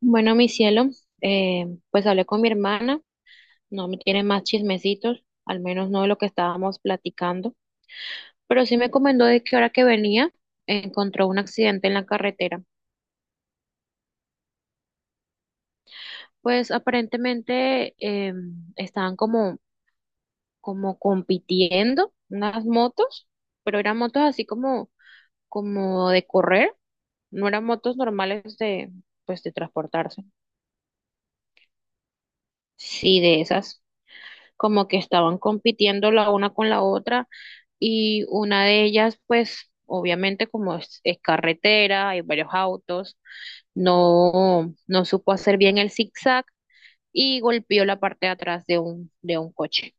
Bueno, mi cielo, eh, pues hablé con mi hermana, no me tiene más chismecitos, al menos no de lo que estábamos platicando, pero sí me comentó de que ahora que venía encontró un accidente en la carretera. Pues aparentemente estaban como compitiendo unas motos, pero eran motos así como de correr, no eran motos normales de, pues, de transportarse. Sí, de esas. Como que estaban compitiendo la una con la otra y una de ellas, pues obviamente como es carretera, hay varios autos, no supo hacer bien el zigzag y golpeó la parte de atrás de de un coche.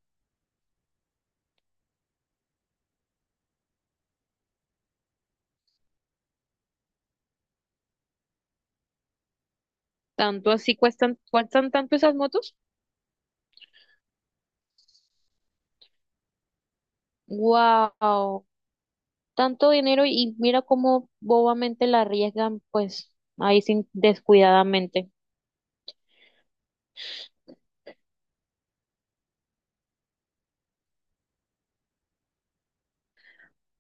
Tanto así cuestan, cuestan tanto esas motos. Wow, tanto dinero y mira cómo bobamente la arriesgan, pues ahí sin descuidadamente.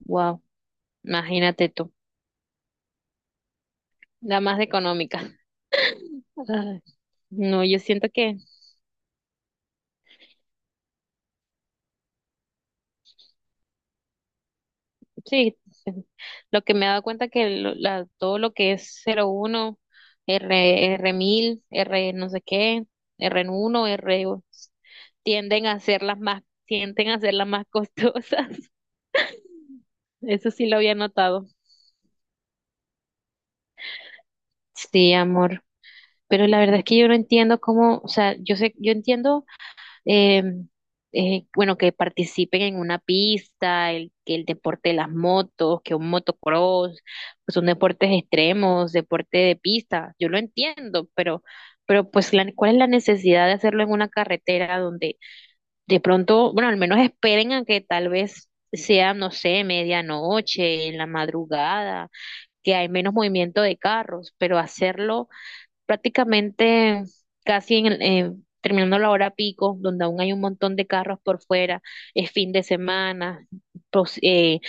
Wow, imagínate tú, la más económica. Ay, no, yo siento que sí, lo que me he dado cuenta que todo lo que es 01 R, R1000 R no sé qué, R1 R tienden a ser las más, tienden a ser las más costosas. Eso sí lo había notado. Sí, amor. Pero la verdad es que yo no entiendo cómo, o sea, yo sé, yo entiendo eh, bueno, que participen en una pista, el, que el deporte de las motos, que un motocross, pues son deportes extremos, deporte de pista, yo lo entiendo, pero pues la, ¿cuál es la necesidad de hacerlo en una carretera donde de pronto, bueno, al menos esperen a que tal vez sea, no sé, medianoche, en la madrugada, que hay menos movimiento de carros, pero hacerlo prácticamente casi en, terminando la hora pico, donde aún hay un montón de carros por fuera, es fin de semana, pos- eh,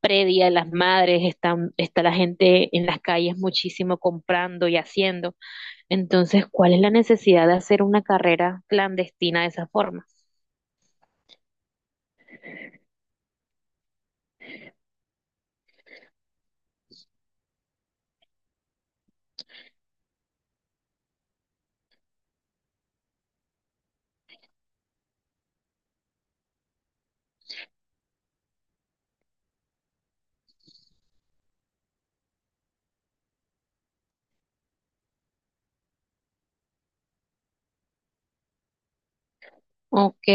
predia de las madres, están, está la gente en las calles muchísimo comprando y haciendo. Entonces, ¿cuál es la necesidad de hacer una carrera clandestina de esa forma? Ok,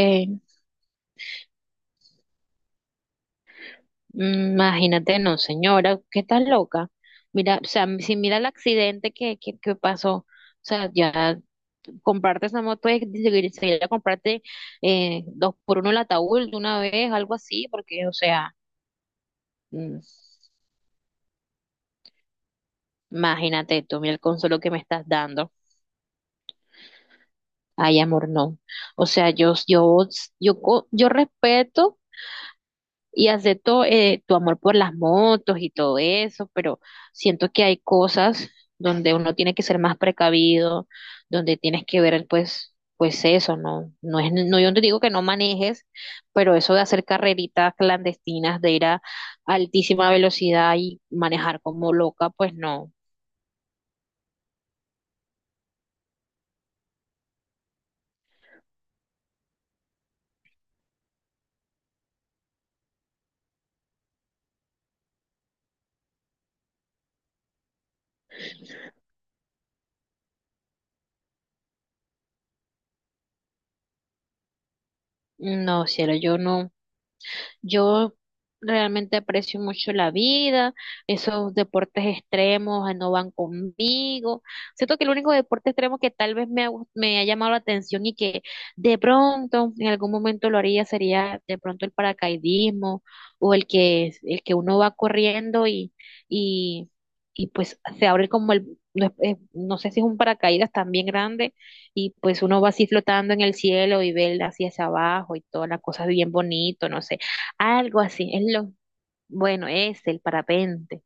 mm, imagínate, no, señora, ¿qué estás loca? Mira, o sea, si mira el accidente que pasó, o sea, ya comprarte esa moto es seguir, seguir a comprarte dos por uno el ataúd de una vez, algo así, porque, o sea, mm, imagínate tú, mira el consuelo que me estás dando. Ay, amor, no. O sea, yo respeto y acepto tu amor por las motos y todo eso, pero siento que hay cosas donde uno tiene que ser más precavido, donde tienes que ver pues eso, no no es no yo no te digo que no manejes, pero eso de hacer carreritas clandestinas, de ir a altísima velocidad y manejar como loca, pues no. No, cielo, yo no. Yo realmente aprecio mucho la vida, esos deportes extremos no van conmigo. Siento que el único deporte extremo que tal vez me ha, me ha llamado la atención y que de pronto en algún momento lo haría sería de pronto el paracaidismo o el que uno va corriendo y, y pues se abre como el, no, no sé si es un paracaídas también grande y pues uno va así flotando en el cielo y ve el- hacia abajo y todas las cosas bien bonito, no sé. Algo así, es lo, bueno, es el parapente.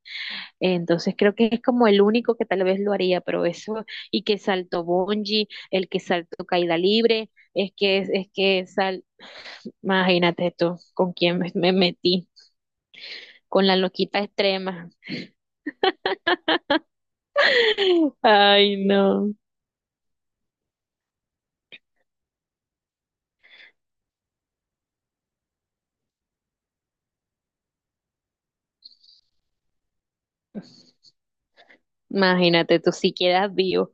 Entonces creo que es como el único que tal vez lo haría, pero eso, y que salto bungee, el que salto caída libre, es que sal, imagínate esto, con quién me metí, con la loquita extrema. Ay, no. Imagínate tú si quedas vivo.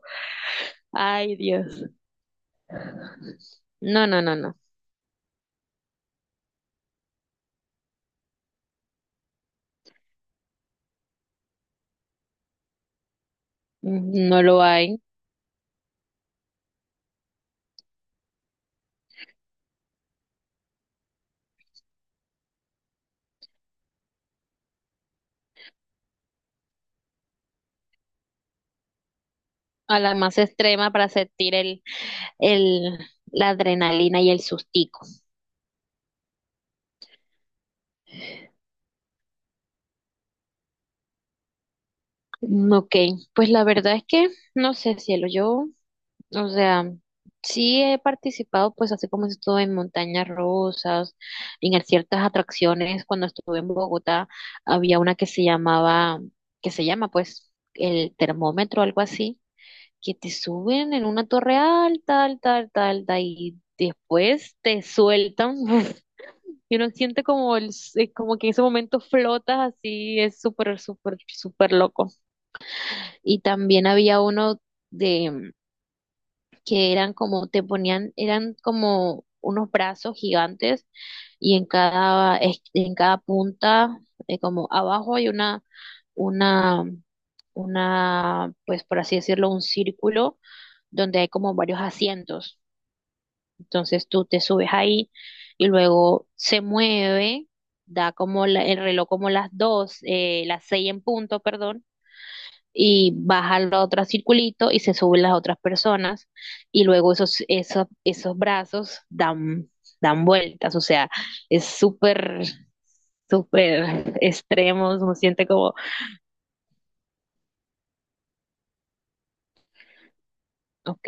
Ay, Dios. No, no, no, no. No lo hay. A la más extrema para sentir el, la adrenalina y el sustico. Mm, ok, pues la verdad es que no sé, cielo, yo, o sea, sí he participado, pues así como estuve en Montañas Rosas, en ciertas atracciones, cuando estuve en Bogotá, había una que se llamaba, que se llama pues el termómetro, algo así, que te suben en una torre alta, alta, alta, alta, y después te sueltan, y uno siente como, el, como que en ese momento flotas así, es súper, súper, súper loco. Y también había uno de que eran como te ponían, eran como unos brazos gigantes y en cada en cada punta como abajo hay una una pues por así decirlo un círculo donde hay como varios asientos. Entonces tú te subes ahí y luego se mueve, da como el reloj como las dos, las seis en punto, perdón y baja al otro circulito y se suben las otras personas y luego esos brazos dan, dan vueltas, o sea, es súper, súper extremo, uno siente como, ok.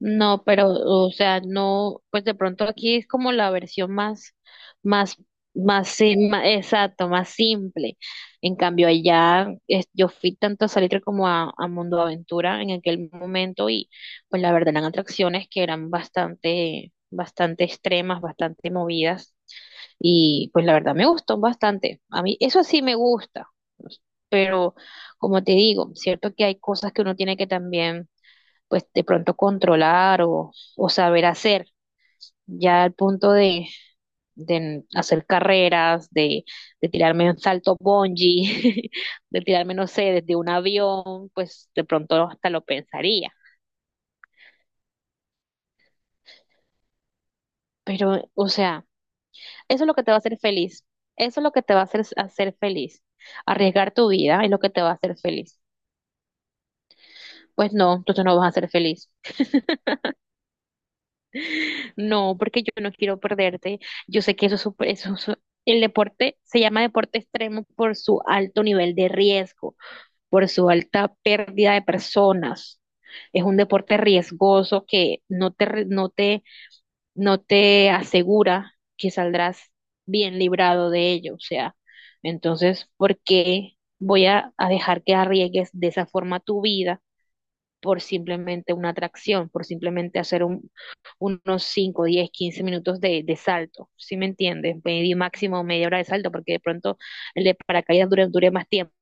No, pero, o sea, no, pues de pronto aquí es como la versión más, más, más, exacto, más simple. En cambio, allá es- yo fui tanto a Salitre como a Mundo Aventura en aquel momento y pues la verdad eran atracciones que eran bastante, bastante extremas, bastante movidas y pues la verdad me gustó bastante. A mí eso sí me gusta, pero como te digo, cierto que hay cosas que uno tiene que también pues de pronto controlar o saber hacer, ya al punto de hacer carreras, de tirarme un salto bungee, de tirarme, no sé, desde un avión, pues de pronto hasta lo pensaría. Pero, o sea, eso es lo que te va a hacer feliz. Eso es lo que te va a hacer, hacer feliz. Arriesgar tu vida es lo que te va a hacer feliz. Pues no, tú no vas a ser feliz. No, porque yo no quiero perderte. Yo sé que eso es súper- eso, es- el deporte se llama deporte extremo por su alto nivel de riesgo, por su alta pérdida de personas. Es un deporte riesgoso que no te, no te asegura que saldrás bien librado de ello. O sea, entonces, ¿por qué voy a dejar que arriesgues de esa forma tu vida? Por simplemente una atracción, por simplemente hacer un, unos 5, 10, 15 minutos de salto, ¿sí me entiendes? Medio máximo media hora de salto, porque de pronto el de paracaídas dure, dure más tiempo.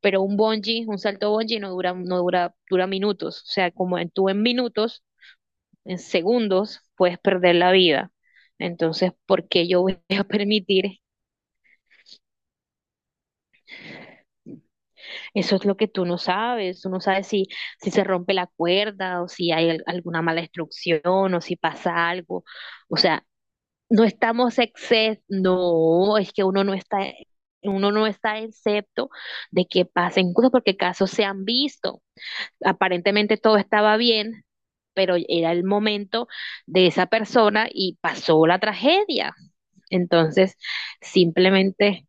Pero un bungee, un salto bungee no dura, no dura, dura minutos. O sea, como en, tú en minutos, en segundos, puedes perder la vida. Entonces, ¿por qué yo voy a permitir. Eso es lo que tú no sabes si, si se rompe la cuerda o si hay alguna mala instrucción o si pasa algo. O sea, no estamos excepto, no, es que uno no está excepto de que pasen cosas porque casos se han visto. Aparentemente todo estaba bien, pero era el momento de esa persona y pasó la tragedia. Entonces, simplemente.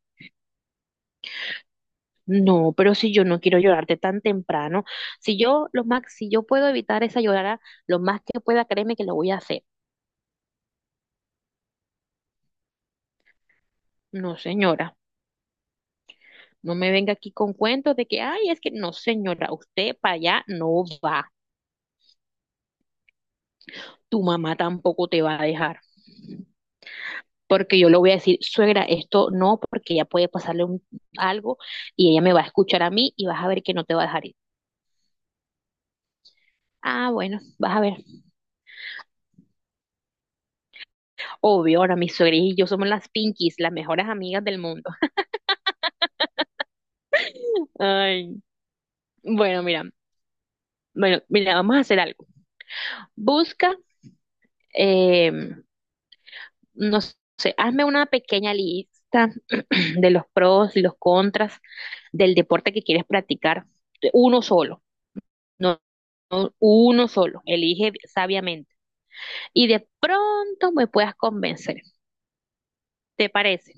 No, pero si yo no quiero llorarte tan temprano, si yo lo más, si yo puedo evitar esa llorada lo más que pueda, créeme que lo voy a hacer. No, señora, no me venga aquí con cuentos de que, ay, es que no, señora, usted para allá no va. Tu mamá tampoco te va a dejar, porque yo le voy a decir, suegra, esto no, porque ella puede pasarle un- algo y ella me va a escuchar a mí y vas a ver que no te va a dejar ir. Ah, bueno, vas a ver. Obvio, ahora mi suegra y yo somos las Pinkies, las mejores amigas del mundo. Ay. Bueno, mira. Bueno, mira, vamos a hacer algo. Busca, eh, no sé, hazme una pequeña lista de los pros y los contras del deporte que quieres practicar. Uno solo, no, no, uno solo. Elige sabiamente. Y de pronto me puedas convencer. ¿Te parece?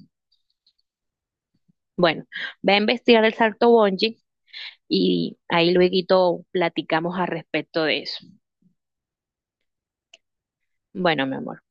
Bueno, ve a investigar el salto bungee y ahí luego platicamos al respecto de eso. Bueno, mi amor.